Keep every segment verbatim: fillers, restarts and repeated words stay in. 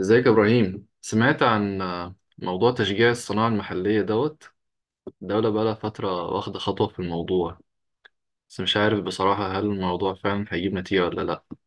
ازيك يا ابراهيم؟ سمعت عن آه، موضوع تشجيع الصناعة المحلية دوت. الدولة بقالها فترة واخدة خطوة في الموضوع. بس مش عارف بصراحة، هل الموضوع فعلا هيجيب نتيجة ولا لأ؟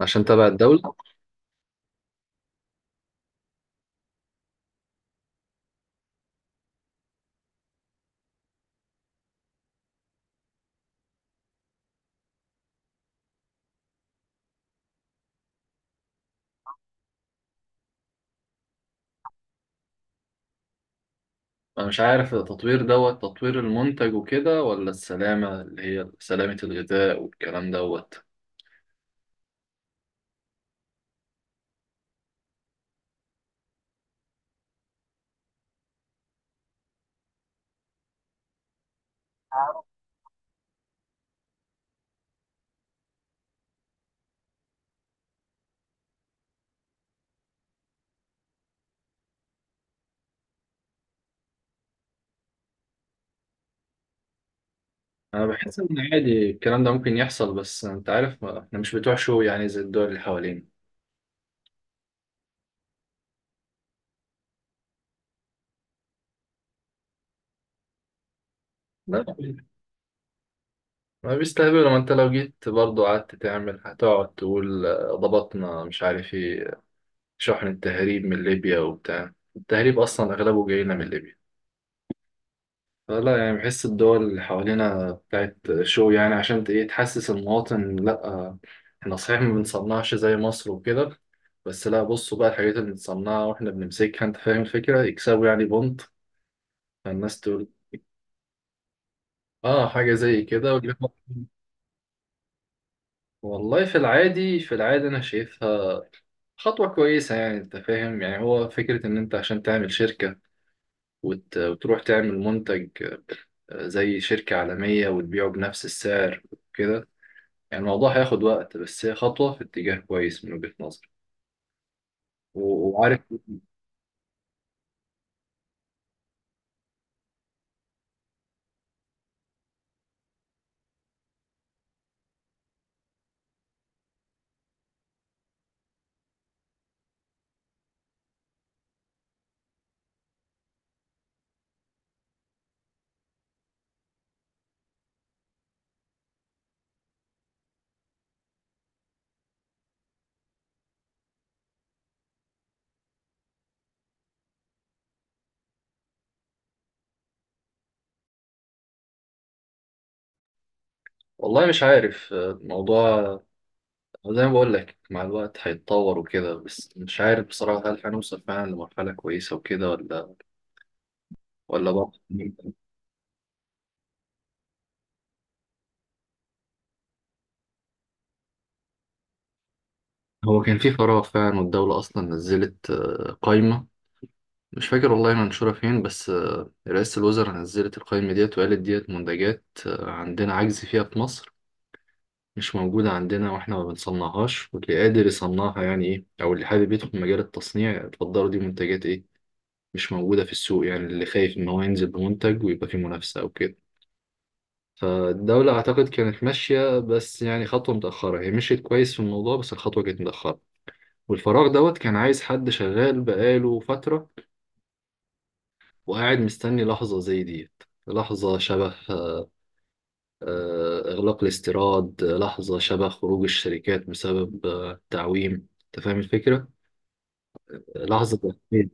عشان تبع الدولة. أنا مش عارف التطوير دوت، تطوير المنتج وكده ولا السلامة اللي هي سلامة الغذاء والكلام دوت. أنا بحس إن عادي الكلام ده ممكن يحصل، بس أنت عارف، ما- إحنا مش بتوع شو يعني، زي الدول اللي حوالينا. لا، ما بيستهبلوا. ما انت لو جيت برضو قعدت تعمل هتقعد تقول آه، ضبطنا مش عارف ايه. شحن التهريب من ليبيا وبتاع، التهريب اصلا اغلبه جاينا من ليبيا. فلا يعني، بحس الدول اللي حوالينا بتاعت شو يعني، عشان ت- ايه، تحسس المواطن لا. آه، احنا صحيح ما بنصنعش زي مصر وكده. بس لا، بصوا بقى الحاجات اللي بنصنعها واحنا بنمسكها، انت فاهم الفكرة، يكسبوا يعني بونت. فالناس تقول اه حاجة زي كده ويروحوا- والله في العادي في العادي انا شايفها خطوة كويسة. يعني أنت فاهم، يعني هو فكرة إن أنت عشان تعمل شركة وت... وتروح تعمل منتج، آه، زي شركة عالمية وتبيعه بنفس السعر وكده. يعني الموضوع هياخد وقت، بس هي خطوة في اتجاه كويس من وجهة نظري. و- وعارف. والله مش عارف، آه، الموضوع زي ما بقول لك، مع الوقت هيتطور وكده. بس مش عارف بصراحة، هل هنوصل فعلا لمرحلة كويسة وكده، ولا ولا برضه؟ هو كان في فراغ فعلا، والدولة أصلا نزلت آه، قائمة. مش فاكر والله منشورة فين، بس آه، رئاسة الوزراء نزلت القائمة ديت وقالت، ديت منتجات آه، عندنا عجز فيها في مصر، مش موجودة عندنا، واحنا ما بنصنعهاش، واللي قادر يصنعها يعني ايه، او اللي حابب يدخل مجال التصنيع اتفضلوا. دي منتجات ايه مش موجودة في السوق، يعني اللي خايف ان هو ينزل بمنتج ويبقى فيه منافسة او كده. فالدولة اعتقد كانت ماشية، بس يعني خطوة متأخرة. هي مشيت كويس في الموضوع، بس الخطوة كانت متأخرة. والفراغ دوت كان عايز حد شغال بقاله فترة وقاعد مستني لحظة زي دي. لحظة شبه آه، آه، إغلاق الاستيراد، لحظة شبه خروج الشركات بسبب آه، تعويم. أنت فاهم الفكرة؟ لحظة تأكيد.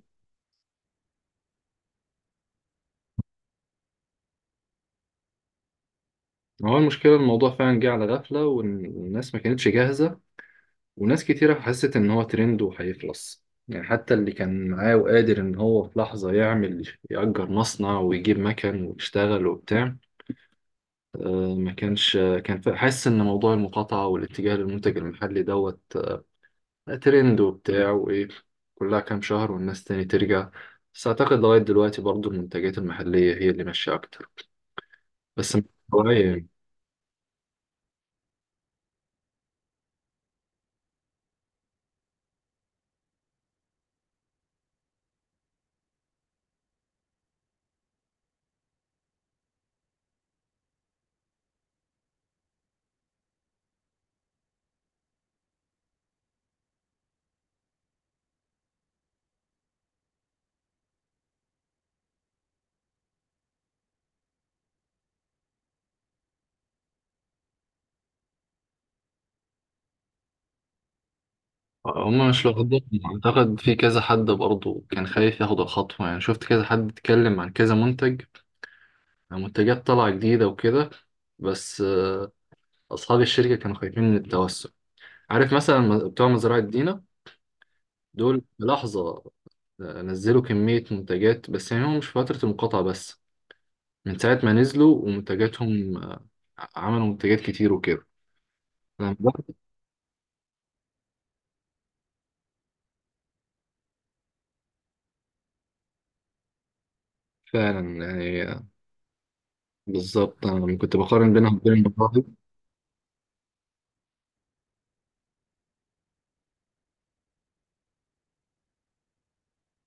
هو المشكلة، الموضوع فعلا جه على غفلة والناس ما كانتش جاهزة. وناس كتيرة حست إن هو ترند وهيخلص، يعني حتى اللي كان معاه وقادر إن هو في لحظة يعمل يأجر مصنع ويجيب مكن ويشتغل وبتاع، آه، ما كانش آه، كان حاسس إن موضوع المقاطعة والاتجاه للمنتج المحلي دوت، ترند وبتاع وإيه، كلها كام شهر والناس تاني ترجع. بس أعتقد لغاية دلوقتي برضو المنتجات المحلية هي اللي ماشية أكتر، بس مش طبيعية يعني. هما مش لوحدهم، أعتقد في كذا حد برضو كان خايف ياخد الخطوة. يعني شفت كذا حد اتكلم عن كذا منتج، منتجات طالعة جديدة وكده. بس آه، أصحاب الشركة كانوا خايفين من التوسع. عارف مثلا م- بتوع مزرعة دينا، دول في لحظة آه، نزلوا كمية منتجات، بس يعني هم مش في فترة المقاطعة بس. من ساعة ما نزلوا ومنتجاتهم آه، عملوا منتجات كتير وكده. أنا بدأت فعلا يعني آه، بالظبط. أنا لما كنت بقارن بينهم وبين المطاعم،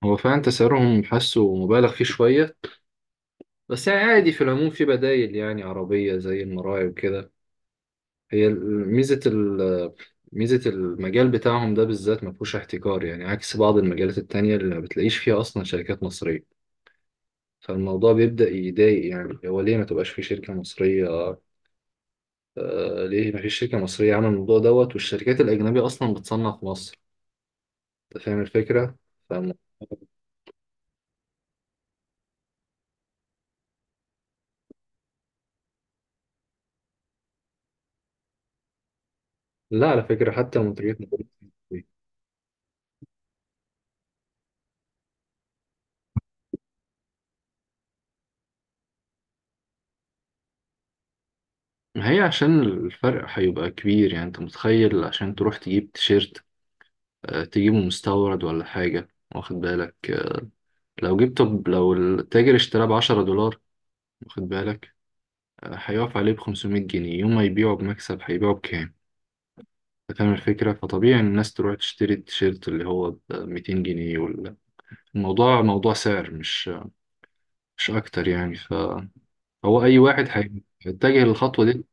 هو فعلا تسعيرهم حاسه مبالغ فيه شوية، بس يعني عادي. في العموم في بدايل يعني عربية زي المراعي وكده. هي ال- ميزة ال ميزة المجال بتاعهم ده بالذات ما فيهوش احتكار، يعني عكس بعض المجالات التانية اللي ما بتلاقيش فيها أصلا شركات مصرية. فالموضوع بيبدأ يضايق، يعني هو ليه ما تبقاش في شركة مصرية؟ آه، ليه مفيش شركة مصرية عاملة الموضوع دوت، والشركات الأجنبية أصلا بتصنع في مصر؟ أنت فاهم الفكرة؟ فم... لا، على فكرة حتى منتجات مصرية. ما هي عشان الفرق هيبقى كبير، يعني أنت متخيل عشان تروح تجيب تيشيرت آه، تجيبه مستورد ولا حاجة؟ واخد بالك، آه، لو جبت، طب لو التاجر اشتراه بعشرة دولار، واخد بالك، آه، هيقف عليه بخمسمية جنيه، يوم ما يبيعه بمكسب هيبيعه بكام؟ أنت فاهم الفكرة؟ فطبيعي إن الناس تروح تشتري التيشيرت اللي هو بميتين جنيه. الموضوع موضوع سعر، مش مش اكتر يعني، فهو اي واحد هي- هيتجه للخطوه دي.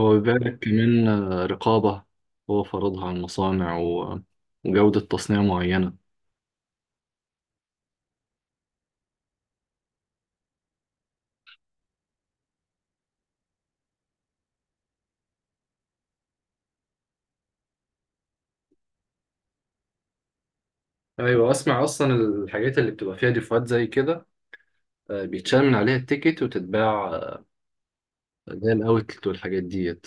هو بيبقى كمان آه، رقابه، هو فرضها على المصانع، و- وجوده تصنيع معينه. ايوه، اسمع، اصلا الحاجات اللي بتبقى فيها ديفوهات زي كده آه، بيتشال من عليها التيكت وتتباع، آه، زي الاوتلت والحاجات ديت.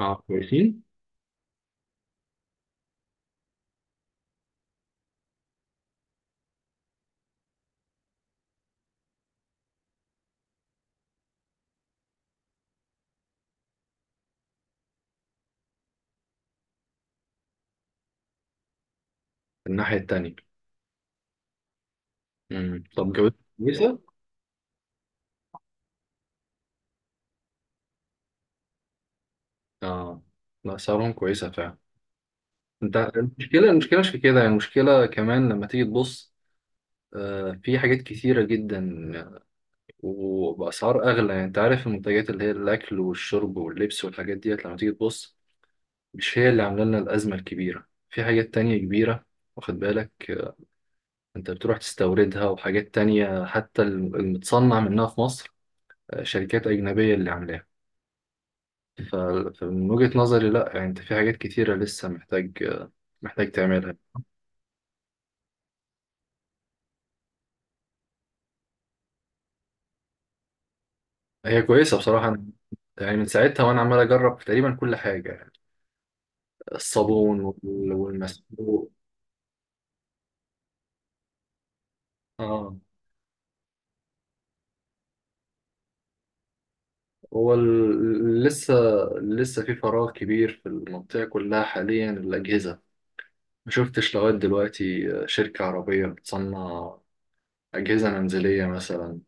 اه كويسين. الناحيه التانيه. امم، طب جودتهم كويسه؟ اه. لا سعرهم كويسه فعلا. انت المشكله، المشكله مش في كده يعني. المشكله كمان لما تيجي تبص آه، في حاجات كتيرة جدا وبأسعار أغلى. يعني أنت عارف، المنتجات اللي هي الأكل والشرب واللبس والحاجات ديت لما تيجي تبص، مش هي اللي عاملة لنا الأزمة الكبيرة. في حاجات تانية كبيرة، واخد بالك، آه، أنت بتروح تستوردها، وحاجات تانية حتى المتصنع منها في مصر آه، شركات أجنبية اللي عاملاها. ف- فمن وجهة نظري لأ، يعني أنت في حاجات كتيرة لسه محتاج آه، محتاج تعملها. هي كويسة بصراحة أنا. يعني من ساعتها وأنا عمال أجرب تقريبا كل حاجة، الصابون وال- والمسحوق. اه. هو ال- لسه لسه في فراغ كبير في المنطقة كلها حاليا، الأجهزة. ما شفتش لغاية دلوقتي شركة عربية بتصنع أجهزة منزلية مثلا،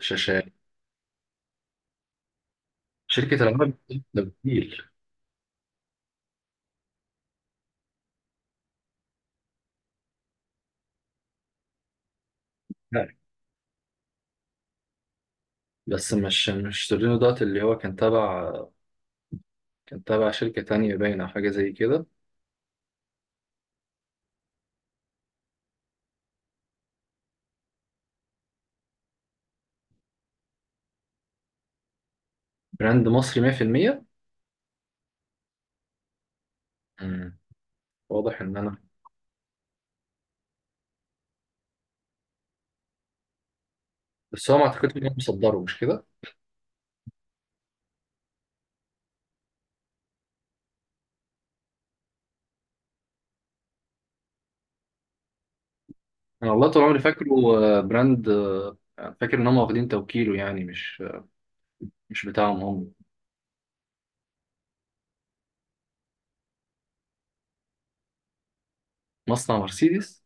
شاشات، شركة العاب، ده بتقيل. لا. بس مش مش تورينو دوت، اللي هو كان تبع، كان تبع شركة تانية باينة أو حاجة زي كده. براند مصري مية في المية. مم. واضح إن أنا. بس هو ما أعتقدش إن هم مصدره، مش كده؟ أنا والله طول عمري فاكره آه، براند، آه، فاكر إن هم واخدين توكيله، يعني مش مش بتاعهم هم. مصنع مرسيدس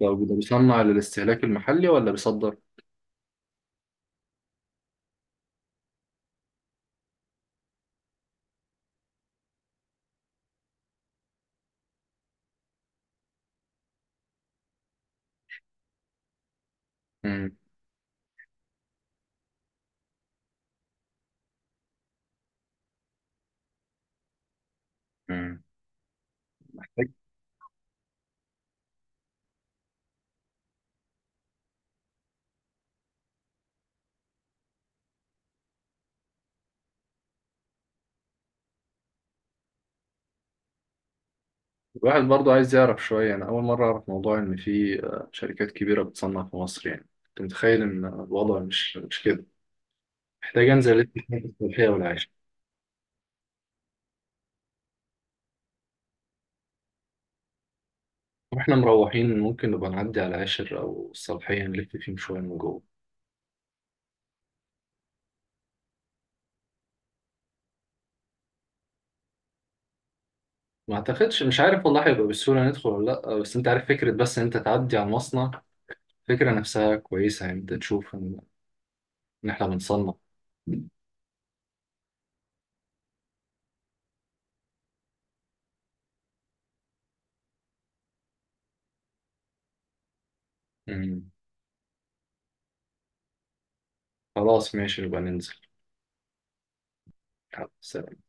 لو بده بيصنع للاستهلاك المحلي ولا بيصدر؟ امم. امم. الواحد برضو عايز يعرف شوية. أنا أول مرة أعرف موضوع إن في آه، شركات كبيرة بتصنع في مصر. يعني كنت متخيل إن الوضع مش مش كده. محتاج أنزل ألف في الصالحية والعاشر. وإحنا مروحين ممكن نبقى نعدي على العاشر أو الصالحية، نلف فيهم شوية من جوه. ما أعتقدش، مش عارف والله هيبقى بالسهولة ندخل ولا لأ. آه، بس أنت عارف فكرة، بس إن أنت تعدي على المصنع، الفكرة نفسها كويسة يعني. أنت تشوف إن إن إحنا بنصنع. مم. خلاص، ماشي، نبقى ننزل. يلا، سلام.